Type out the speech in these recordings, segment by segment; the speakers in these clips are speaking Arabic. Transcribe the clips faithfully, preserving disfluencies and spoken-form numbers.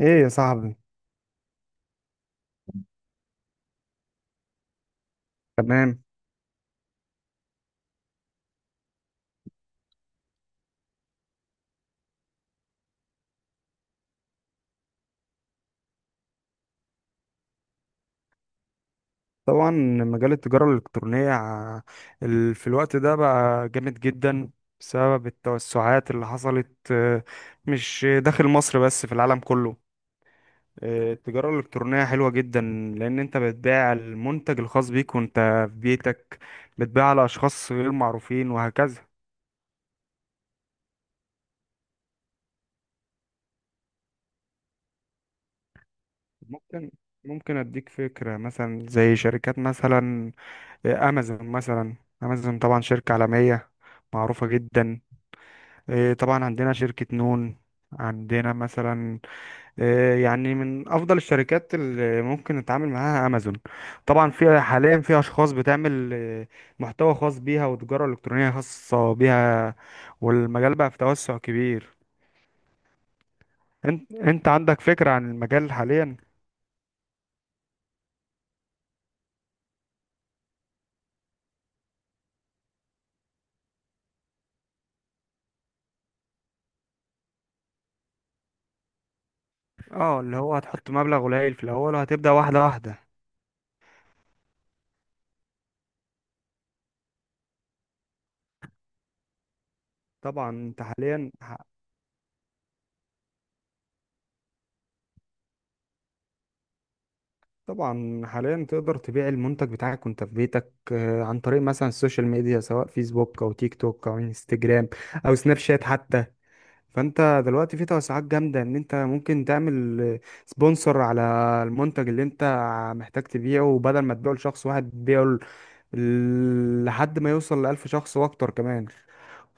ايه يا صاحبي. تمام. طبعا، مجال التجارة الإلكترونية ع- ال- في الوقت ده بقى جامد جدا، بسبب التوسعات اللي حصلت. آه، مش داخل مصر بس في العالم كله. آه، التجارة الإلكترونية حلوة جدا، لأن أنت بتبيع المنتج الخاص بيك وأنت في بيتك، بتبيع لأشخاص غير معروفين وهكذا. ممكن ممكن أديك فكرة، مثلا زي شركات مثلا آه، أمازون. مثلا أمازون طبعا شركة عالمية معروفة جدا. إيه، طبعا عندنا شركة نون، عندنا مثلا إيه، يعني من أفضل الشركات اللي ممكن نتعامل معاها أمازون. طبعا في حاليا في أشخاص بتعمل إيه، محتوى خاص بيها وتجارة إلكترونية خاصة بيها، والمجال بقى في توسع كبير. انت انت عندك فكرة عن المجال حاليا؟ اه، اللي هو هتحط مبلغ قليل في الأول وهتبدأ واحدة واحدة. طبعا انت حاليا. طبعا حاليا تقدر تبيع المنتج بتاعك وانت في بيتك، آه، عن طريق مثلا السوشيال ميديا، سواء فيسبوك او تيك توك او انستجرام او سناب شات حتى. فانت دلوقتي في توسعات جامدة ان انت ممكن تعمل سبونسر على المنتج اللي انت محتاج تبيعه، وبدل ما تبيعه لشخص واحد تبيعه ل- لحد ما يوصل لألف شخص واكتر كمان.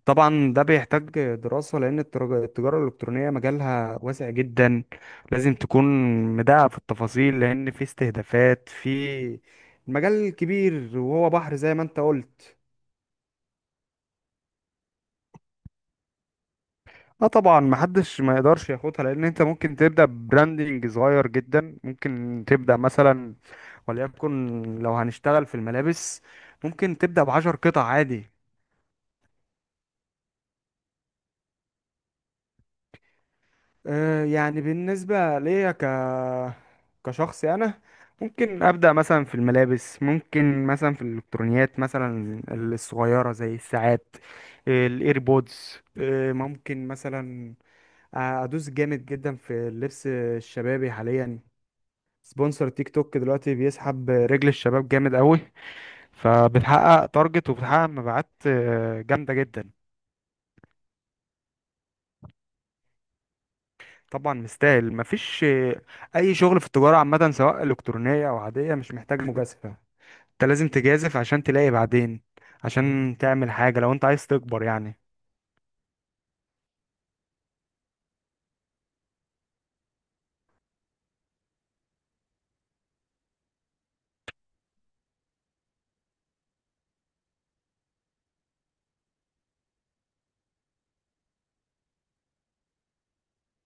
طبعا ده بيحتاج دراسة، لأن الترج- التجارة الإلكترونية مجالها واسع جدا. لازم تكون مدقق في التفاصيل، لأن في استهدافات، في المجال كبير وهو بحر زي ما انت قلت. اه طبعا، محدش ما يقدرش ياخدها، لأن انت ممكن تبدأ براندنج صغير جدا. ممكن تبدأ مثلا، وليكن لو هنشتغل في الملابس، ممكن تبدأ بعشر قطع عادي. آه، يعني بالنسبة ليا ك كشخصي أنا، ممكن أبدأ مثلا في الملابس، ممكن مثلا في الإلكترونيات مثلا الصغيرة زي الساعات، الإيربودز. ممكن مثلا أدوس جامد جدا في اللبس الشبابي حاليا. سبونسر تيك توك دلوقتي بيسحب رجل الشباب جامد قوي، فبتحقق تارجت وبتحقق مبيعات آه، جامدة جدا. طبعا مستاهل. مفيش آه، اي شغل في التجاره عامه، سواء الكترونيه او عاديه، مش محتاج مجازفه. انت لازم تجازف عشان تلاقي بعدين، عشان تعمل حاجه لو انت عايز تكبر يعني.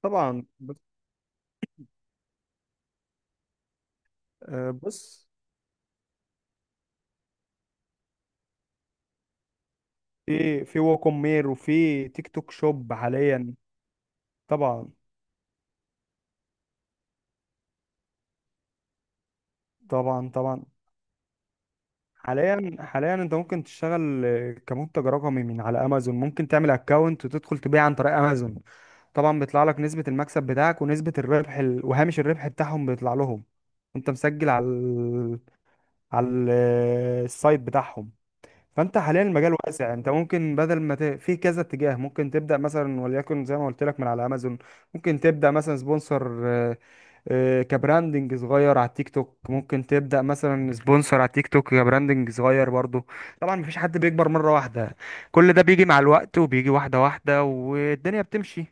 طبعا، ب- آه، بص. في في ووكومير وفي تيك توك شوب حاليا. طبعا، طبعا، طبعا. حاليا حاليا انت ممكن تشتغل آه، كمنتج رقمي من على امازون. ممكن تعمل اكونت وتدخل تبيع عن طريق امازون. طبعا بيطلع لك نسبة المكسب بتاعك ونسبة الربح ال... وهامش الربح بتاعهم بيطلع لهم، وانت مسجل على ال... على ال... السايت بتاعهم. فانت حاليا المجال واسع، انت ممكن بدل ما ت... في كذا اتجاه. ممكن تبدأ مثلا وليكن زي ما قلت لك من على امازون، ممكن تبدأ مثلا سبونسر آه، آه، كبراندنج صغير على التيك توك، ممكن تبدأ مثلا سبونسر على التيك توك كبراندنج صغير برضه. طبعا مفيش حد بيكبر مرة واحدة، كل ده بيجي مع الوقت وبيجي واحدة واحدة والدنيا بتمشي.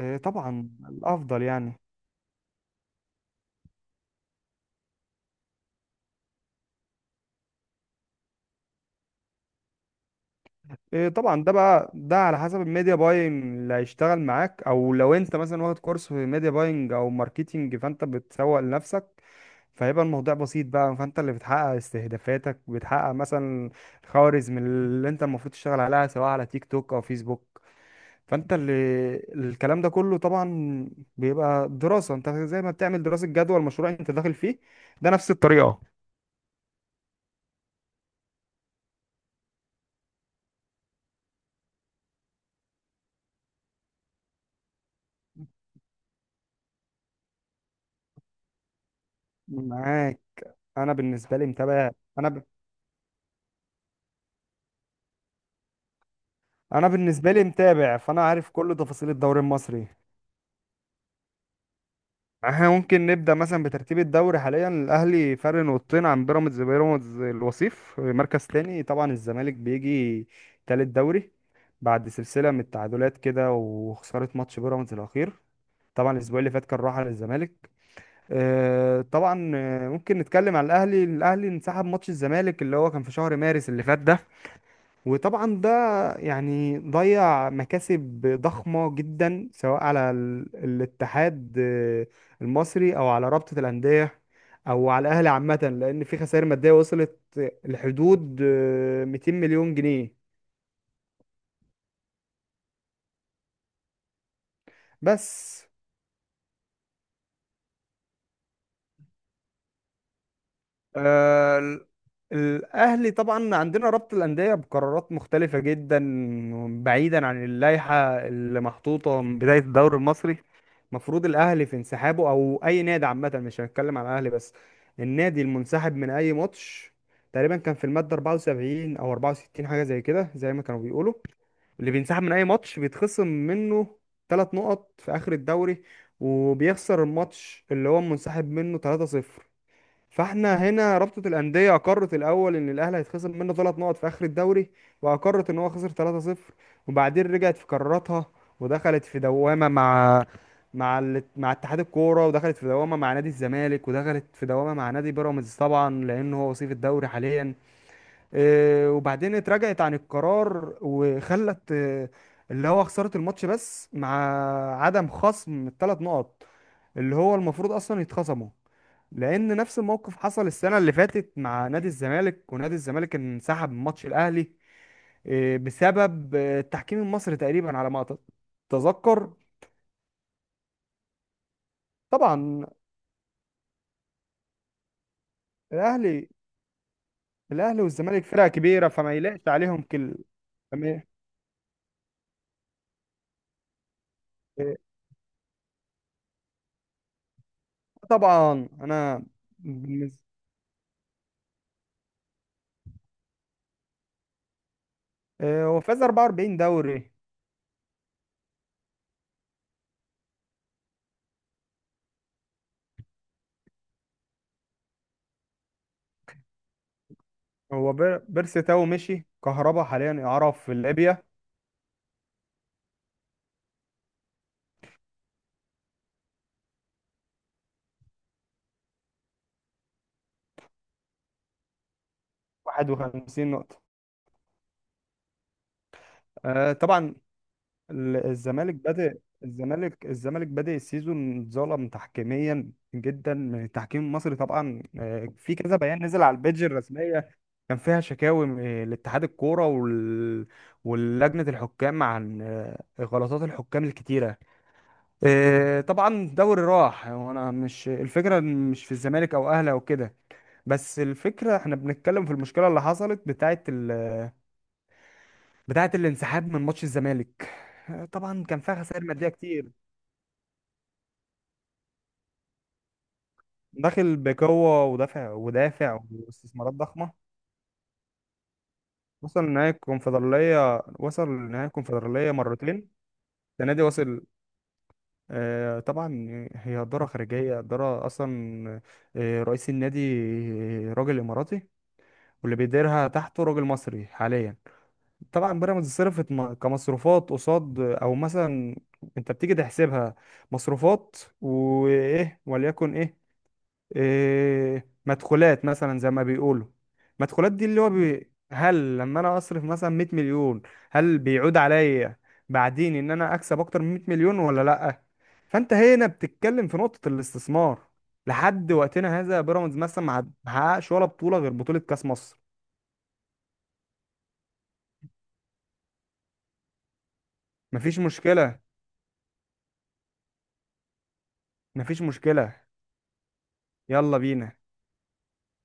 إيه طبعا الافضل يعني. إيه طبعا ده بقى، ده على حسب الميديا باينج اللي هيشتغل معاك، او لو انت مثلا واخد كورس في ميديا باينج او ماركتينج فانت بتسوق لنفسك، فهيبقى الموضوع بسيط بقى. فانت اللي بتحقق استهدافاتك، بتحقق مثلا الخوارزم اللي انت المفروض تشتغل عليها سواء على تيك توك او فيسبوك. فانت اللي الكلام ده كله طبعا بيبقى دراسة. انت زي ما بتعمل دراسة جدوى المشروع اللي انت داخل فيه، ده نفس الطريقة. معاك. انا بالنسبة لي متابع. انا انا بالنسبه لي متابع، فانا عارف كل تفاصيل الدوري المصري. احنا ممكن نبدا مثلا بترتيب الدوري حاليا. الاهلي فرق نقطتين عن بيراميدز، بيراميدز الوصيف مركز تاني. طبعا الزمالك بيجي تالت دوري بعد سلسله من التعادلات كده وخساره ماتش بيراميدز الاخير. طبعا الاسبوع اللي فات كان راحه للزمالك. آه، طبعا آه، ممكن نتكلم على الاهلي الاهلي انسحب ماتش الزمالك اللي هو كان في شهر مارس اللي فات ده. وطبعا ده يعني ضيع مكاسب ضخمة جدا، سواء على ال- الاتحاد آه، المصري أو على رابطة الأندية أو على الأهلي عامة، لأن في خسائر مادية وصلت لحدود آه، مئتين مليون جنيه بس. آه، ال- الأهلي طبعا عندنا رابطة الأندية بقرارات مختلفة جدا، بعيدا عن اللائحة اللي محطوطة من بداية الدوري المصري. مفروض الاهلي في انسحابه او اي نادي عامه، مش هنتكلم على الاهلي بس، النادي المنسحب من اي ماتش تقريبا كان في الماده اربعة وسبعين او اربعة وستين، حاجه زي كده زي ما كانوا بيقولوا اللي بينسحب من اي ماتش بيتخصم منه ثلاث نقط في اخر الدوري، وبيخسر الماتش اللي هو منسحب منه تلاتة صفر. فاحنا هنا رابطة الأندية أقرت الأول إن الأهلي هيتخصم منه ثلاث نقط في آخر الدوري، وأقرت إن هو خسر ثلاثة صفر، وبعدين رجعت في قراراتها ودخلت في دوامة مع مع ال... مع اتحاد الكورة، ودخلت في دوامة مع نادي الزمالك، ودخلت في دوامة مع نادي بيراميدز، طبعا لأن هو وصيف الدوري حاليا. إيه، وبعدين اتراجعت عن القرار وخلت إيه، اللي هو خسارة الماتش بس، مع عدم خصم الثلاث نقط اللي هو المفروض اصلا يتخصموا، لان نفس الموقف حصل السنه اللي فاتت مع نادي الزمالك، ونادي الزمالك انسحب من ماتش الاهلي آه، بسبب آه، التحكيم المصري تقريبا على ما اتذكر. طبعا الاهلي الاهلي والزمالك فرقه كبيره فما يلاقش عليهم كل. فما- آه، طبعا، انا بالنسبه آه، هو فاز أربعة وأربعين دوري. هو بير- بيرسي تاو مشي، كهربا حاليا اعاره في ليبيا. واحد وخمسين نقطه. آه، طبعا ال- الزمالك بادئ الزمالك الزمالك بادئ السيزون، اتظلم تحكيميا جدا من التحكيم المصري، طبعا آه، في كذا بيان نزل على البيدج الرسميه، كان فيها شكاوي م- آه، لاتحاد الكوره وال... ولجنه الحكام عن آه، غلطات الحكام الكتيره. آه، طبعا دوري راح، وانا مش الفكره مش في الزمالك او اهلي او كده، بس الفكره احنا بنتكلم في المشكله اللي حصلت بتاعه ال... بتاعه الانسحاب من ماتش الزمالك. آه، طبعا كان فيها خسائر ماديه كتير. داخل بقوة ودافع ودافع واستثمارات ضخمة. وصل لنهاية الكونفدرالية، وصل لنهاية الكونفدرالية مرتين. السنة دي وصل. آه، طبعا هي إدارة خارجية، إدارة أصلا آه، رئيس النادي آه، راجل إماراتي، واللي بيديرها تحته راجل مصري حاليا. طبعا بيراميدز صرفت م- كمصروفات قصاد، أو مثلا أنت بتيجي تحسبها مصروفات وإيه، وليكن إيه، إيه مدخولات مثلا زي ما بيقولوا. مدخولات دي اللي هو بي... هل لما انا اصرف مثلا مية مليون هل بيعود عليا بعدين ان انا اكسب اكتر من مئة مليون ولا لا؟ فانت هنا بتتكلم في نقطة الاستثمار. لحد وقتنا هذا بيراميدز مثلا ما حققش ولا بطولة غير بطولة كاس مصر. مفيش مشكلة. مفيش مشكلة. يلا بينا.